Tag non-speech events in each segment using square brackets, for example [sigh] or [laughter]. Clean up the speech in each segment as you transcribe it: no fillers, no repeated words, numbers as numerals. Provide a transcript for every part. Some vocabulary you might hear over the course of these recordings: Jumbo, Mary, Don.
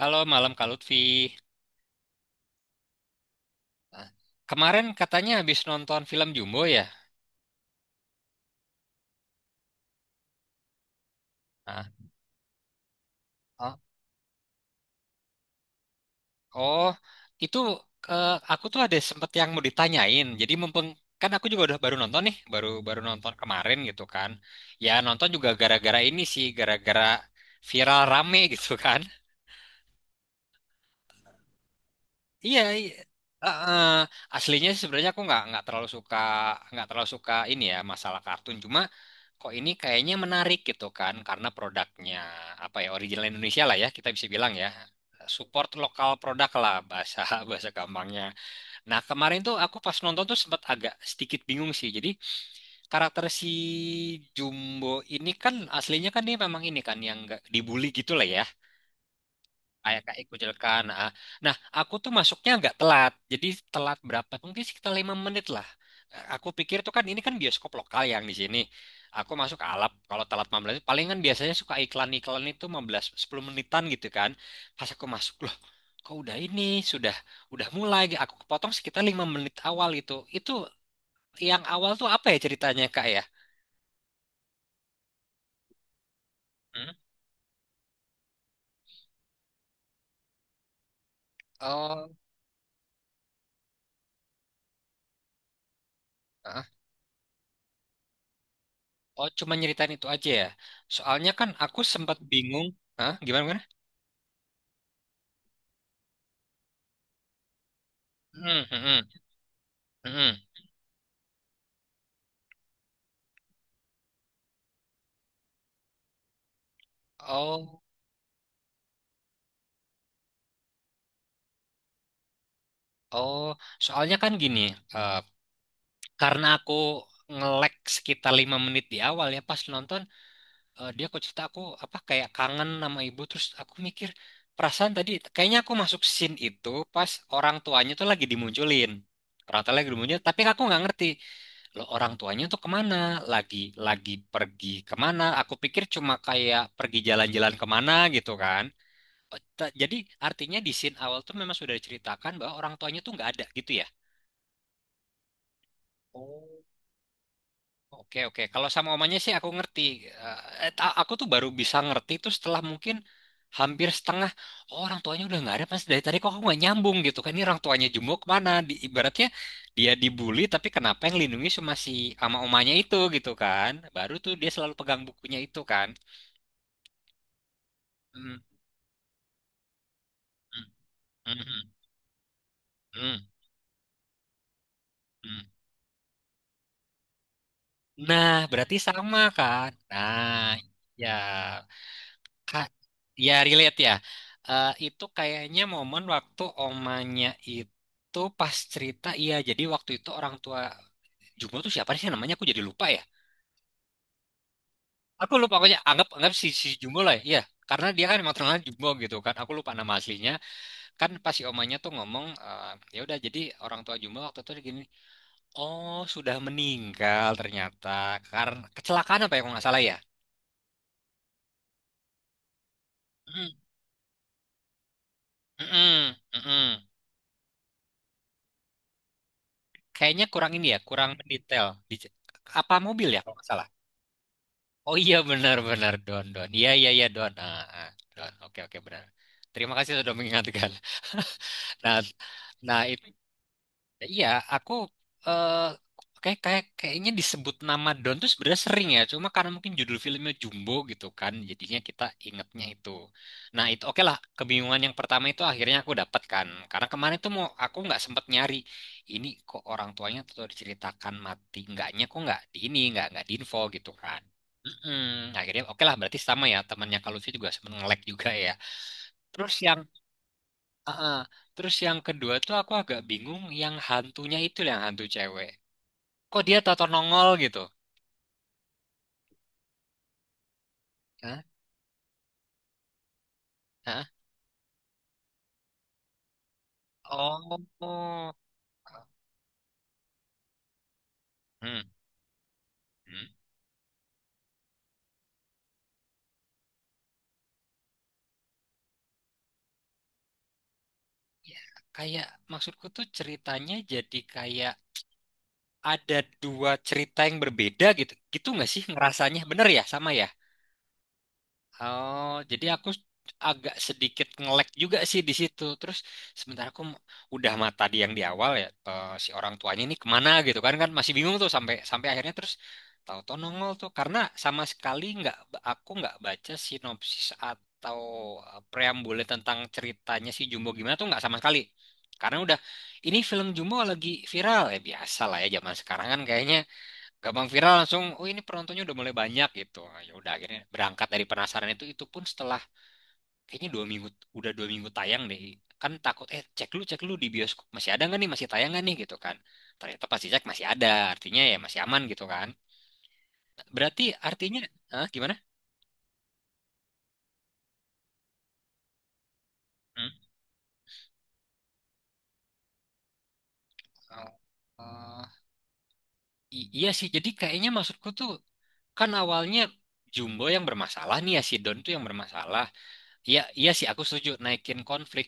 Halo, malam Kak Lutfi. Nah, kemarin katanya habis nonton film Jumbo ya? Nah, oh, oh, itu aku tuh ada sempet yang mau ditanyain. Jadi mumpung kan aku juga udah baru nonton nih, baru baru nonton kemarin gitu kan. Ya nonton juga gara-gara ini sih, gara-gara viral rame [laughs] gitu kan. Iya, iya. Eh, eh, aslinya sih sebenarnya aku nggak terlalu suka ini ya masalah kartun. Cuma kok ini kayaknya menarik gitu kan karena produknya apa ya original Indonesia lah ya kita bisa bilang ya support lokal produk lah bahasa [laughs] bahasa gampangnya. Nah kemarin tuh aku pas nonton tuh sempat agak sedikit bingung sih. Jadi karakter si Jumbo ini kan aslinya kan dia memang ini kan yang nggak dibully gitu lah ya kayak kayak kucilkan. Nah, nah, aku tuh masuknya agak telat. Jadi telat berapa? Mungkin sekitar 5 menit lah. Aku pikir tuh kan ini kan bioskop lokal yang di sini. Aku masuk alap kalau telat 15, palingan biasanya suka iklan-iklan itu 15 10 menitan gitu kan. Pas aku masuk loh, kok udah ini sudah udah mulai. Aku kepotong sekitar 5 menit awal itu. Itu yang awal tuh apa ya ceritanya Kak ya? Hmm? Oh, ah. Oh, cuma nyeritain itu aja ya. Soalnya kan aku sempat bingung. Hah? Gimana? Hmm, hmm, hmm, hmm. Oh, oh, soalnya kan gini, eh, karena aku nge-lag sekitar 5 menit di awal ya pas nonton, dia kok cerita aku apa kayak kangen sama ibu, terus aku mikir perasaan tadi kayaknya aku masuk scene itu pas orang tuanya tuh lagi dimunculin, orang tuanya lagi dimunculin, tapi aku nggak ngerti loh orang tuanya tuh kemana, lagi lagi pergi kemana? Aku pikir cuma kayak pergi jalan-jalan kemana gitu kan. Jadi artinya di scene awal tuh memang sudah diceritakan bahwa orang tuanya tuh nggak ada gitu ya. Oh. Oke oke, kalau sama omanya sih aku ngerti. Eh, aku tuh baru bisa ngerti itu setelah mungkin hampir setengah, oh, orang tuanya udah nggak ada pas dari tadi kok aku nggak nyambung gitu kan ini orang tuanya Jumbo kemana? Ibaratnya dia dibully tapi kenapa yang lindungi cuma si ama omanya itu gitu kan? Baru tuh dia selalu pegang bukunya itu kan. Hmm, hmm, hmm, hmm, hmm, hmm. Nah, berarti sama kan? Nah, ya, Kak, ya relate ya. Itu kayaknya momen waktu omanya itu pas cerita, iya. Jadi waktu itu orang tua Jumbo tuh siapa sih namanya? Aku jadi lupa ya. Aku lupa pokoknya anggap anggap si Jumbo lah ya. Iya, karena dia kan emang terkenal Jumbo gitu kan. Aku lupa nama aslinya. Kan pas si omanya tuh ngomong, ya udah jadi orang tua Jumbo waktu itu gini, oh sudah meninggal ternyata karena kecelakaan apa ya kalau nggak salah ya. Hmm. Mm-mm, mm-mm. Kayaknya kurang ini ya, kurang mendetail. Apa mobil ya kalau nggak salah? Oh iya benar-benar Don Don. Iya iya iya Don. Ah, ah, Don. Oke oke benar. Terima kasih sudah mengingatkan. [laughs] Nah nah itu, iya, aku eh kayak kayak kayaknya disebut nama Don tuh sebenarnya sering ya. Cuma karena mungkin judul filmnya Jumbo gitu kan, jadinya kita ingetnya itu. Nah itu oke lah. Kebingungan yang pertama itu akhirnya aku dapatkan. Karena kemarin tuh mau aku nggak sempet nyari. Ini kok orang tuanya tuh diceritakan mati, enggaknya kok nggak di ini, nggak di info gitu kan. Mm-mm. Akhirnya oke lah berarti sama ya temannya kalau sih juga sempat nge-lag juga ya. Terus yang Heeh. Terus yang kedua tuh aku agak bingung yang hantunya itu loh, yang hantu cewek. Kok dia tato nongol gitu? Hah? Hah? Oh. Hmm. Hmm. Ya, kayak maksudku tuh ceritanya jadi kayak ada dua cerita yang berbeda gitu. Gitu nggak sih ngerasanya? Bener ya? Sama ya? Oh, jadi aku agak sedikit nge-lag juga sih di situ. Terus sementara aku udah mata di yang di awal ya, si orang tuanya ini kemana gitu kan kan masih bingung tuh sampai sampai akhirnya terus tahu-tahu nongol tuh karena sama sekali nggak aku nggak baca sinopsis atau preambule tentang ceritanya si Jumbo gimana tuh nggak sama sekali. Karena udah ini film Jumbo lagi viral ya biasa lah ya zaman sekarang kan kayaknya gampang viral langsung oh ini penontonnya udah mulai banyak gitu. Ah, ya udah akhirnya berangkat dari penasaran itu pun setelah kayaknya 2 minggu, udah 2 minggu tayang deh, kan takut, cek dulu di bioskop masih ada nggak nih, masih tayang nggak nih gitu kan, ternyata pasti cek masih ada, artinya ya masih aman gitu kan, berarti artinya, ah, gimana. Hmm? Oh, eh, iya sih jadi kayaknya maksudku tuh kan awalnya Jumbo yang bermasalah nih ya, si Don tuh yang bermasalah. Iya, iya sih aku setuju naikin konflik.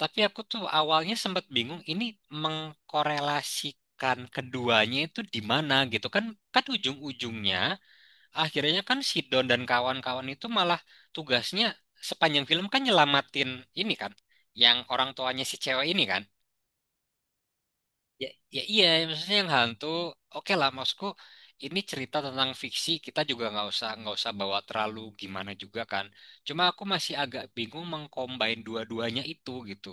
Tapi aku tuh awalnya sempat bingung ini mengkorelasikan keduanya itu di mana gitu kan kan ujung-ujungnya akhirnya kan si Don dan kawan-kawan itu malah tugasnya sepanjang film kan nyelamatin ini kan yang orang tuanya si cewek ini kan. Ya, ya iya, maksudnya yang hantu, oke lah, maksudku ini cerita tentang fiksi, kita juga nggak usah bawa terlalu gimana juga kan. Cuma aku masih agak bingung mengcombine dua-duanya itu gitu.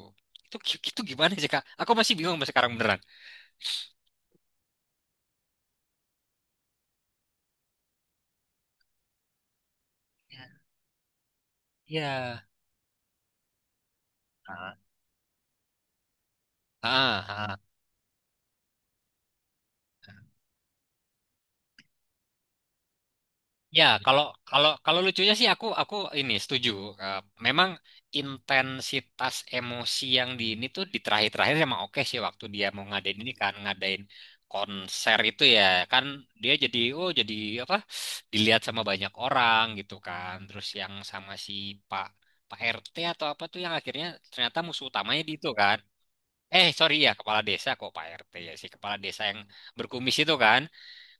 Itu itu gimana sih Kak? Aku masih bingung sampai sekarang beneran. Ya. Ya. Ah, ah, ah. Ya, kalau kalau kalau lucunya sih aku ini setuju. Eh, memang intensitas emosi yang di ini tuh di terakhir-terakhir emang oke sih waktu dia mau ngadain ini kan ngadain konser itu ya, kan dia jadi oh jadi apa dilihat sama banyak orang gitu kan. Terus yang sama si Pak Pak RT atau apa tuh yang akhirnya ternyata musuh utamanya di itu kan. Sorry ya kepala desa kok Pak RT ya, si kepala desa yang berkumis itu kan,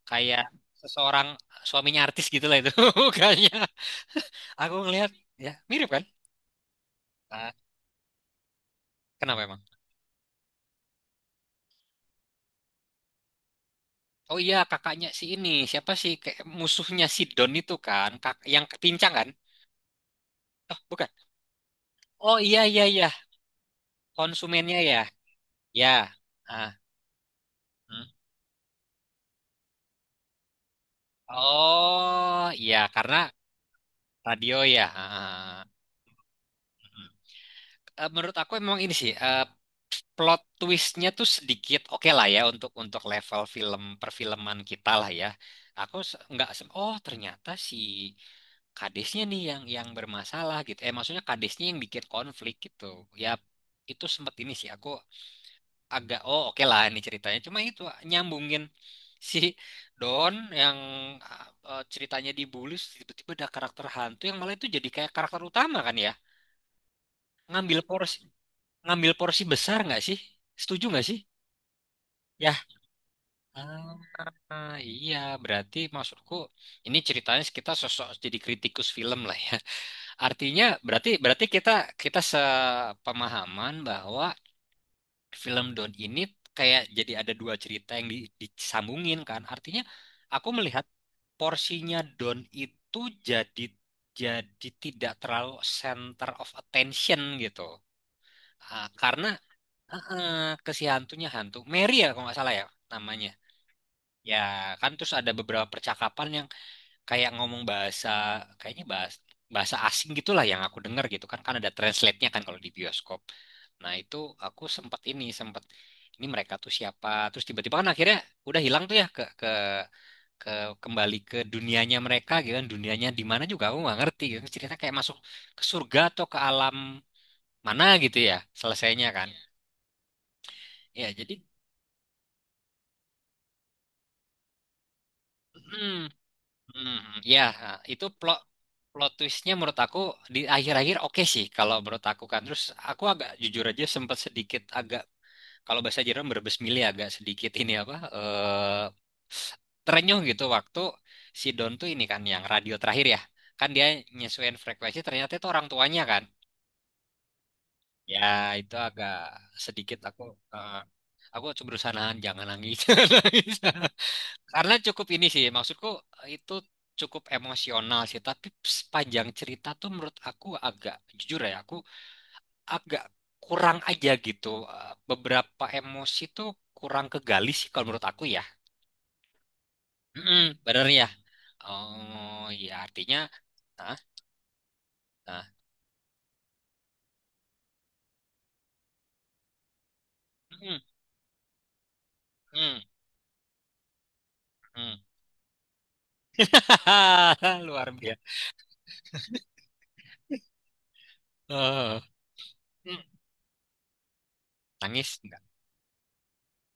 kayak seseorang suaminya artis gitu lah itu [laughs] mukanya aku ngelihat ya mirip kan. Ah, kenapa emang? Oh iya kakaknya si ini siapa sih, kayak musuhnya si Don itu kan Kak, yang pincang kan. Oh bukan, oh iya iya iya konsumennya ya, ya, ah, hmm. Oh iya karena radio ya. Ah, hmm. Menurut aku memang ini sih, plot twistnya tuh sedikit oke lah ya untuk level film perfilman kita lah ya. Aku se- nggak se- oh ternyata si kadesnya nih yang bermasalah gitu. Maksudnya kadesnya yang bikin konflik gitu. Ya itu sempet ini sih aku agak oh oke lah ini ceritanya. Cuma itu nyambungin si Don yang eh, ceritanya dibully terus tiba-tiba ada karakter hantu yang malah itu jadi kayak karakter utama kan ya. Ngambil porsi ngambil porsi besar nggak sih? Setuju nggak sih? Ya, ah, iya, berarti maksudku ini ceritanya kita sosok jadi kritikus film lah ya. [laughs] Artinya berarti berarti kita kita sepemahaman bahwa film Don ini kayak jadi ada dua cerita yang disambungin kan. Artinya aku melihat porsinya Don itu jadi jadi tidak terlalu center of attention gitu. Ah, karena, heeh, ke si hantunya, hantu Mary ya kalau nggak salah ya namanya, ya kan terus ada beberapa percakapan yang kayak ngomong bahasa, kayaknya bahasa bahasa asing gitulah yang aku dengar gitu kan kan ada translate-nya kan kalau di bioskop. Nah itu aku sempat ini mereka tuh siapa, terus tiba-tiba kan akhirnya udah hilang tuh ya ke kembali ke dunianya mereka gitu kan, dunianya di mana juga aku nggak ngerti gitu, cerita kayak masuk ke surga atau ke alam mana gitu ya selesainya kan, ya jadi. [clears throat] Hmm, ya, itu plot plot twistnya menurut aku di akhir-akhir oke sih kalau menurut aku kan. Terus aku agak jujur aja sempat sedikit agak, kalau bahasa Jerman berbesmili, agak sedikit ini apa, terenyuh gitu waktu si Don tuh ini kan yang radio terakhir ya. Kan dia nyesuaiin frekuensi ternyata itu orang tuanya kan. Ya, itu agak sedikit eh, aku coba berusaha nahan jangan nangis. [laughs] Jangan nangis. Karena cukup ini sih, maksudku, itu cukup emosional sih. Tapi sepanjang cerita tuh menurut aku agak, jujur ya, aku agak kurang aja gitu. Beberapa emosi tuh kurang kegali sih kalau menurut aku ya. Mm-mm, bener ya. Oh ya artinya, nah, nah, mm, mm, mm. [laughs] Luar biasa. Eh, mm. Nangis nggak?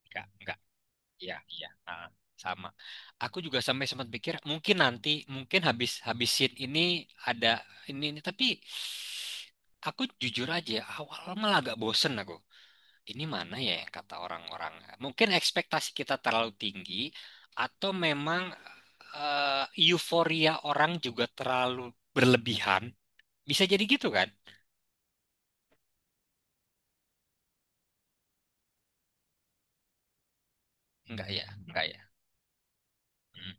Nggak, nggak. Iya, iya. Ah, sama. Aku juga sampai sempat pikir mungkin nanti, mungkin habis habis scene ini ada ini tapi aku jujur aja awal malah agak bosen aku. Ini mana ya yang kata orang-orang? Mungkin ekspektasi kita terlalu tinggi, atau memang, eh, euforia orang juga terlalu berlebihan. Bisa jadi gitu kan? Enggak ya, enggak ya. Hmm.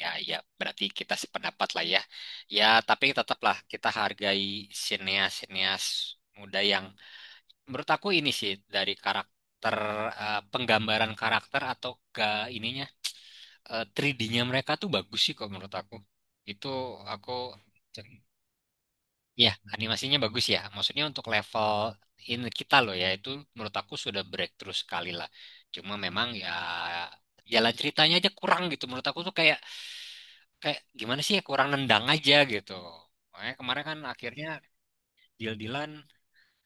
Ya, ya, berarti kita sependapat lah ya. Ya, tapi tetaplah kita hargai sineas-sineas muda yang, menurut aku ini sih dari karakter, penggambaran karakter atau ke ininya, 3D-nya mereka tuh bagus sih kok menurut aku. Itu aku, ya, animasinya bagus ya. Maksudnya untuk level ini kita loh ya, itu menurut aku sudah breakthrough sekali lah. Cuma memang ya jalan ceritanya aja kurang gitu menurut aku tuh, kayak kayak gimana sih ya, kurang nendang aja gitu. Makanya kemarin kan akhirnya deal-dealan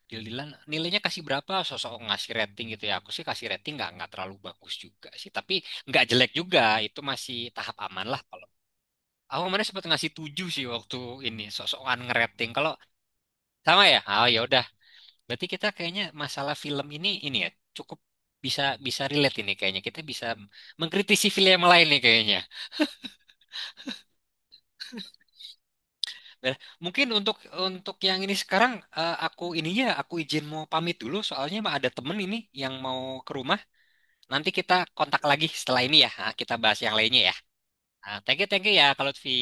deal-dealan nilainya kasih berapa, sosok ngasih rating gitu ya. Aku sih kasih rating nggak terlalu bagus juga sih, tapi nggak jelek juga. Itu masih tahap aman lah kalau. Aku kemarin sempat ngasih 7 sih waktu ini sosokan ngerating. Kalau sama ya, oh ya udah. Berarti kita kayaknya masalah film ini ya cukup bisa bisa relate ini kayaknya. Kita bisa mengkritisi film yang lain nih kayaknya. Eh, Mungkin untuk yang ini sekarang, aku ininya aku izin mau pamit dulu soalnya mah ada temen ini yang mau ke rumah. Nanti kita kontak lagi setelah ini ya. Ah, kita bahas yang lainnya ya. Ah, thank you ya kalau Lutfi.